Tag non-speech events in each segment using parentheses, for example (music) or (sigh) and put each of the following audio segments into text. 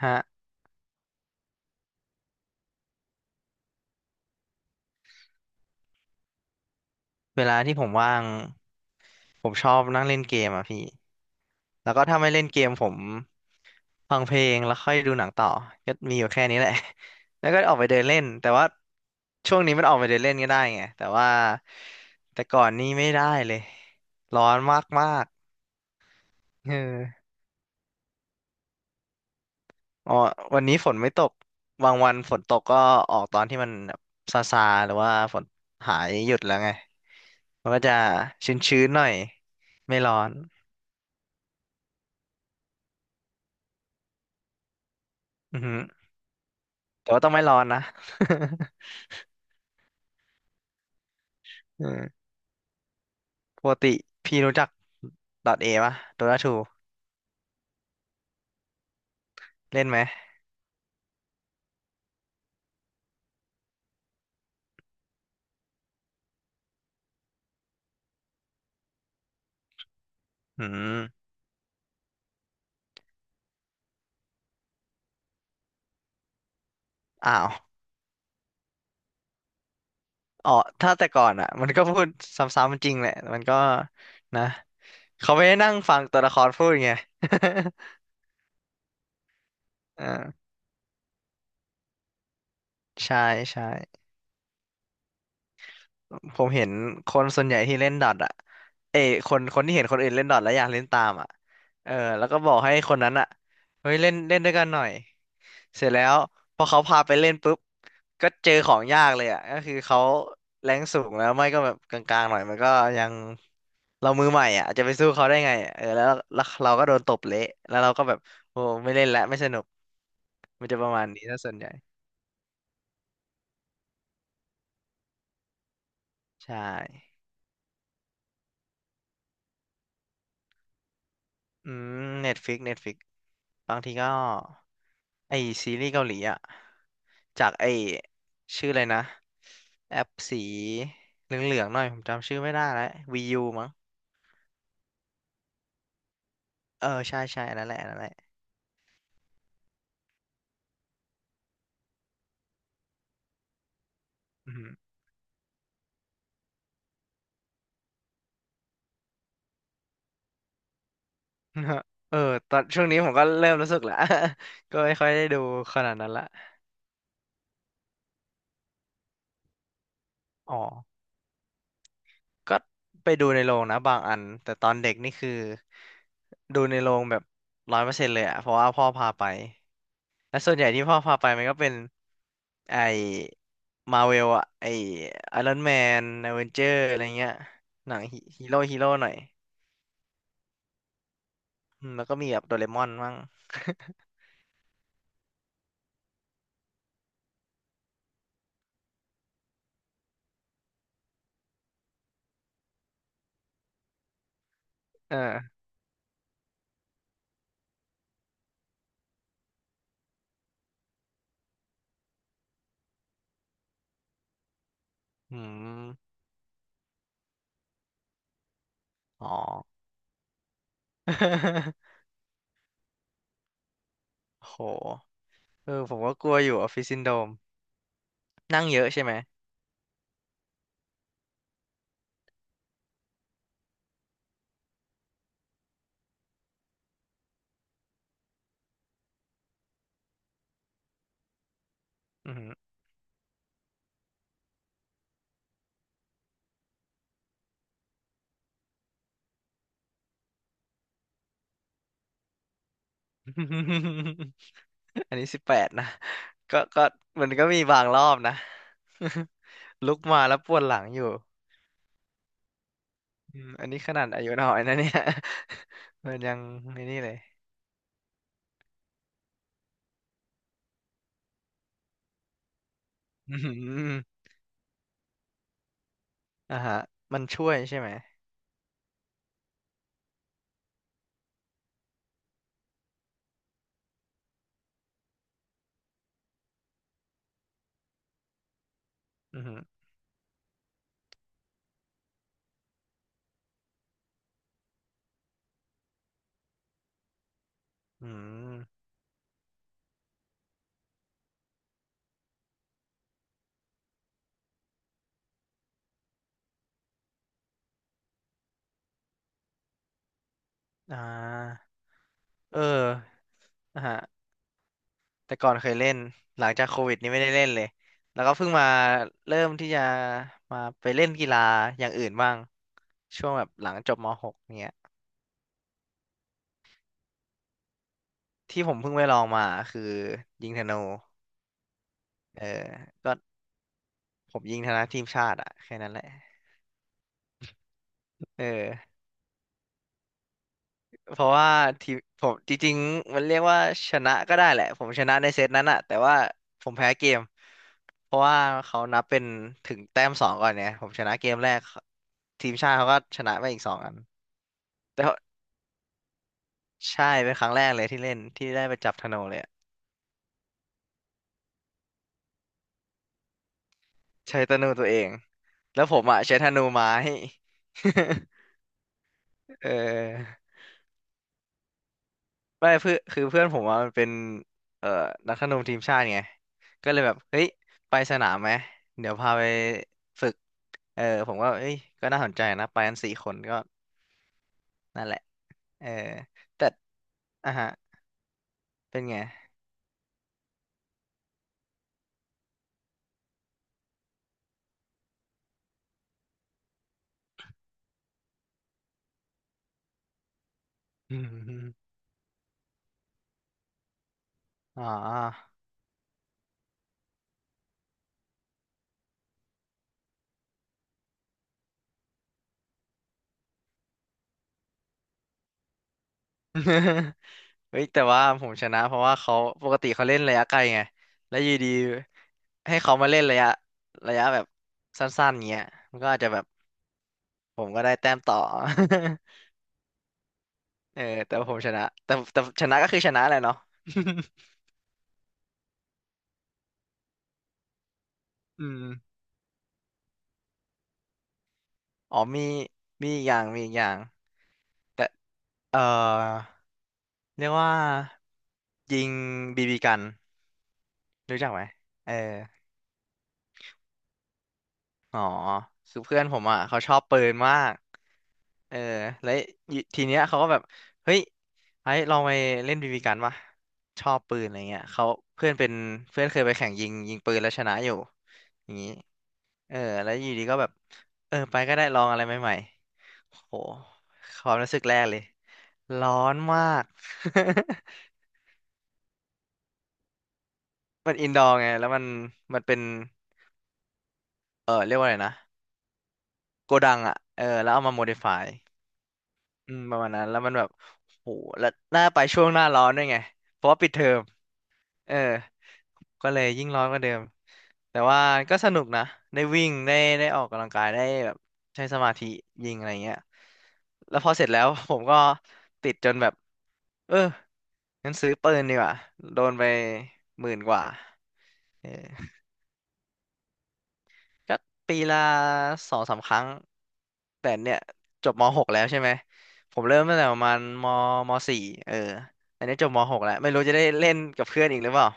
ฮะเวลาที่ผมว่างผมชอบนั่งเล่นเกมอ่ะพี่แล้วก็ถ้าไม่เล่นเกมผมฟังเพลงแล้วค่อยดูหนังต่อก็มีอยู่แค่นี้แหละ (laughs) แล้วก็ออกไปเดินเล่นแต่ว่าช่วงนี้มันออกไปเดินเล่นก็ได้ไงแต่ว่าแต่ก่อนนี้ไม่ได้เลยร้อนมากมากเอออ๋อวันนี้ฝนไม่ตกบางวันฝนตกก็ออกตอนที่มันแบบซาซาหรือว่าฝนหายหยุดแล้วไงมันก็จะชื้นๆหน่อยไม่ร้อนอือฮึ แต่ว่าต้องไม่ร้อนนะ (laughs) อืมปกติพี่รู้จักดอทเตปะโดาทู เล่นไหมอืมอ้าวอ๋อถ้าแต่ก่อนอ่ะมันก็พูดซ้ำๆจริงแหละมันก็นะ เขาไม่ได้นั่งฟังตัวละครพูดไง (laughs) อ่าใช่ใช่ผมเห็นคนส่วนใหญ่ที่เล่นดอทอ่ะเอยคนคนที่เห็นคนอื่นเล่นดอทแล้วอยากเล่นตามอ่ะเออแล้วก็บอกให้คนนั้นอ่ะเฮ้ยเล่นเล่นด้วยกันหน่อย เสร็จแล้วพอเขาพาไปเล่นปุ๊บก็เจอของยากเลยอ่ะก็คือเขาแรงสูงแล้วไม่ก็แบบกลางๆหน่อยมันก็ยังเรามือใหม่อ่ะจะไปสู้เขาได้ไงอะเออแล้วเราก็โดนตบเละแล้วเราก็แบบโอ้ไม่เล่นละไม่สนุกมันจะประมาณนี้ถ้าส่วนใหญ่ใช่อืมเน็ตฟิกเน็ตฟิกบางทีก็ไอซีรีส์เกาหลีอ่ะจากไอชื่ออะไรนะแอปสีเหลืองๆหน่อยผมจำชื่อไม่ได้แล้ววียูมั้งเออใช่ใช่อันนั่นแหละอันนั่นแหละอืม (laughs) ฮะเออตอนช่วงนี้ผมก็เริ่มรู้สึกแล้ว (laughs) ก็ไม่ค่อยได้ดูขนาดนั้นละอ๋อก็ไปดูในโรงนะบางอันแต่ตอนเด็กนี่คือดูในโรงแบบ100%เลยอะเพราะว่าพ่อพาไปและส่วนใหญ่ที่พ่อพาไปมันก็เป็นไอมาเวลอะไอรอนแมนอเวนเจอร์อะไรเงี้ยหนังฮีโร่ฮีโร่หน่อยอืมแล้วก็มีแบบโดเรมอนมั่ง (laughs) เอออืมอ๋อ (laughs) โห เออผมก็กลัวอยู่ออฟฟิศซินโดรมนั่งเยอะใช่ไหมอือหือ (laughs) อันนี้18นะก็มันก็มีบางรอบนะ (laughs) ลุกมาแล้วปวดหลังอยู่อืมอันนี้ขนาดอายุน้อยนะเนี่ย (laughs) มันยังไม่นี่เลยอือหืออ่าฮะมันช่วยใช่ไหมอือหืออืมอ่าเอออ่าฮะแต่ก่อนเคยเล่นหลังจากโควิดนี้ไม่ได้เล่นเลยแล้วก็เพิ่งมาเริ่มที่จะมาไปเล่นกีฬาอย่างอื่นบ้าง ช่วงแบบหลังจบมหกเนี้ยที่ผมเพิ่งไปลองมาคือยิงธนูเออก็ผมยิงธนูทีมชาติอะแค่นั้นแหละเออเพราะว่าทีมผมจริงๆมันเรียกว่าชนะก็ได้แหละผมชนะในเซตนั้นอะแต่ว่าผมแพ้เกมเพราะว่าเขานับเป็นถึงแต้มสองก่อนเนี่ยผมชนะเกมแรกทีมชาติเขาก็ชนะไปอีกสองอันแต่ว่าใช่เป็นครั้งแรกเลยที่เล่นที่ได้ไปจับธนูเลยอะใช้ธนูตัวเองแล้วผมอะใช้ธนูไม้ (laughs) เออไม่เพื่อนคือเพื่อนผมว่ามันเป็นเอ่อนักธนูทีมชาติไงก็เลยแบบเฮ้ยไปสนามไหมเดี๋ยวพาไปฝึกเออผมก็เอ้ยก็น่าสนใจนะไปกันสี่คนก็นั่นแหละเออแต่อ่ะฮะเป็นไงอืมอ๋อ (laughs) เฮ้ยแต่ว่าผมชนะเพราะว่าเขาปกติเขาเล่นระยะไกลไงแล้วอยู่ดีให้เขามาเล่นระยะแบบสั้นๆเงี้ยมันก็อาจจะแบบ ผมก็ได้แต้มต่อ (laughs) เออแต่ว่าผมชนะแต่ชนะก็คือชนะแหละเนาะ (laughs) อืมอ๋อมีมีอีกอย่างมีอีกอย่างแต่เออเรียกว่ายิงบีบีกันรู้จักไหมเอออ๋อคือเพื่อนผมอ่ะเขาชอบปืนมากเออแล้วทีเนี้ยเขาก็แบบเฮ้ยไอ้ลองไปเล่นบีบีกันปะชอบปืนอะไรเงี้ยเขาเพื่อนเป็นเพื่อนเคยไปแข่งยิงปืนแล้วชนะอยู่อย่างนี้ เออแล้วอยู่ดีก็แบบเออไปก็ได้ลองอะไรใหม่ๆโหความรู้สึกแรกเลยร้อนมาก (laughs) มันอินดอร์ไงแล้วมันมันเป็นเออเรียกว่าอะไรนะโกดังอ่ะเออแล้วเอามาโมดิฟายอืมประมาณนั้นแล้วมันแบบโหแล้วหน้าไปช่วงหน้าร้อนด้วยไงเพราะว่าปิดเทอมเออก็เลยยิ่งร้อนกว่าเดิม แต่ว่าก็สนุกนะได้วิ่งได้ได้ออกกำลังกายได้แบบใช้สมาธิยิงอะไรเงี้ยแล้วพอเสร็จแล้ว (laughs) ผมก็ติดจนแบบเอองั้นซื้อปืนดีกว่าโดนไปหมื่นกว่าเออก็ปีละสองสามครั้งแต่เนี่ยจบมหกแล้วใช่ไหมผมเริ่มตั้งแต่ประมาณมสี่เอออันนี้จบมหกแล้วไม่รู้จะได้เล่นกับเพื่อนอีกหรือเปล่า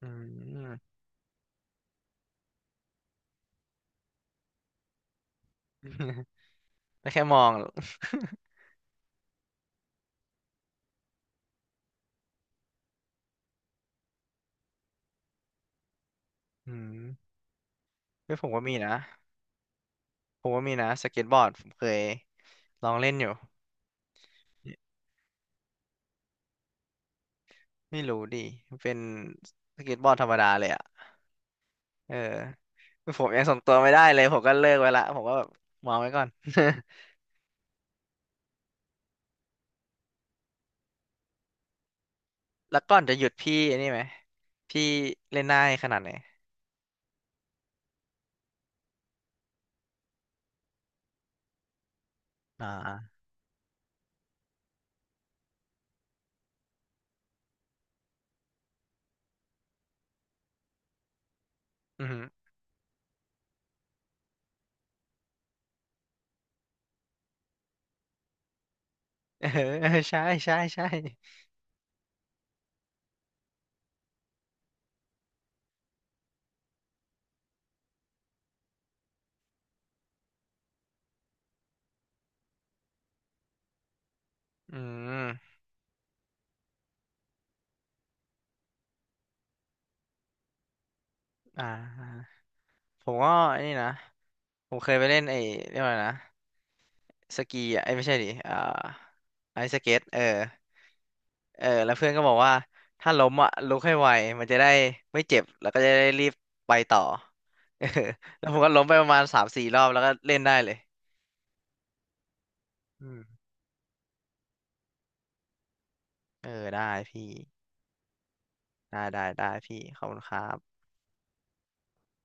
อืม (laughs) ได้แค่มอง (laughs) อืม (laughs) เพ่ผมก็มีนะ ผมก็มีนะสเก็ตบอร์ดผมเคยลองเล่นอยู่ไม่รู้ดิเป็นสเก็ตบอร์ดธรรมดาเลยอ่ะเออผมยังส่งตัวไม่ได้เลยผมก็เลิกไว้ละผมก็แบบวางไว้ก่อน (laughs) แล้วก่อนจะหยุดพี่อันนี้ไหมพี่เล่นได้ขนาดไหนอ่าอือหือ (laughs) เออเออใช่ใช่ใช่อืมอ่าผมก็อันนี้นะผมเคยไปเล่นไอ้เรียกว่าอะไรนะ สกีอ่ะเอ้ยไม่ใช่ดิอ่าไอซ์สเก็ตเออเออแล้วเพื่อนก็บอกว่าถ้าล้มอ่ะลุกให้ไวมันจะได้ไม่เจ็บแล้วก็จะได้รีบไปต่อ (laughs) เออแล้วผมก็ล้มไปประมาณสามสี่รอบแล้วก็เล่นได้เลยอืมเออได้พี่ได้ได้ได้พี่ขอบคุณครับ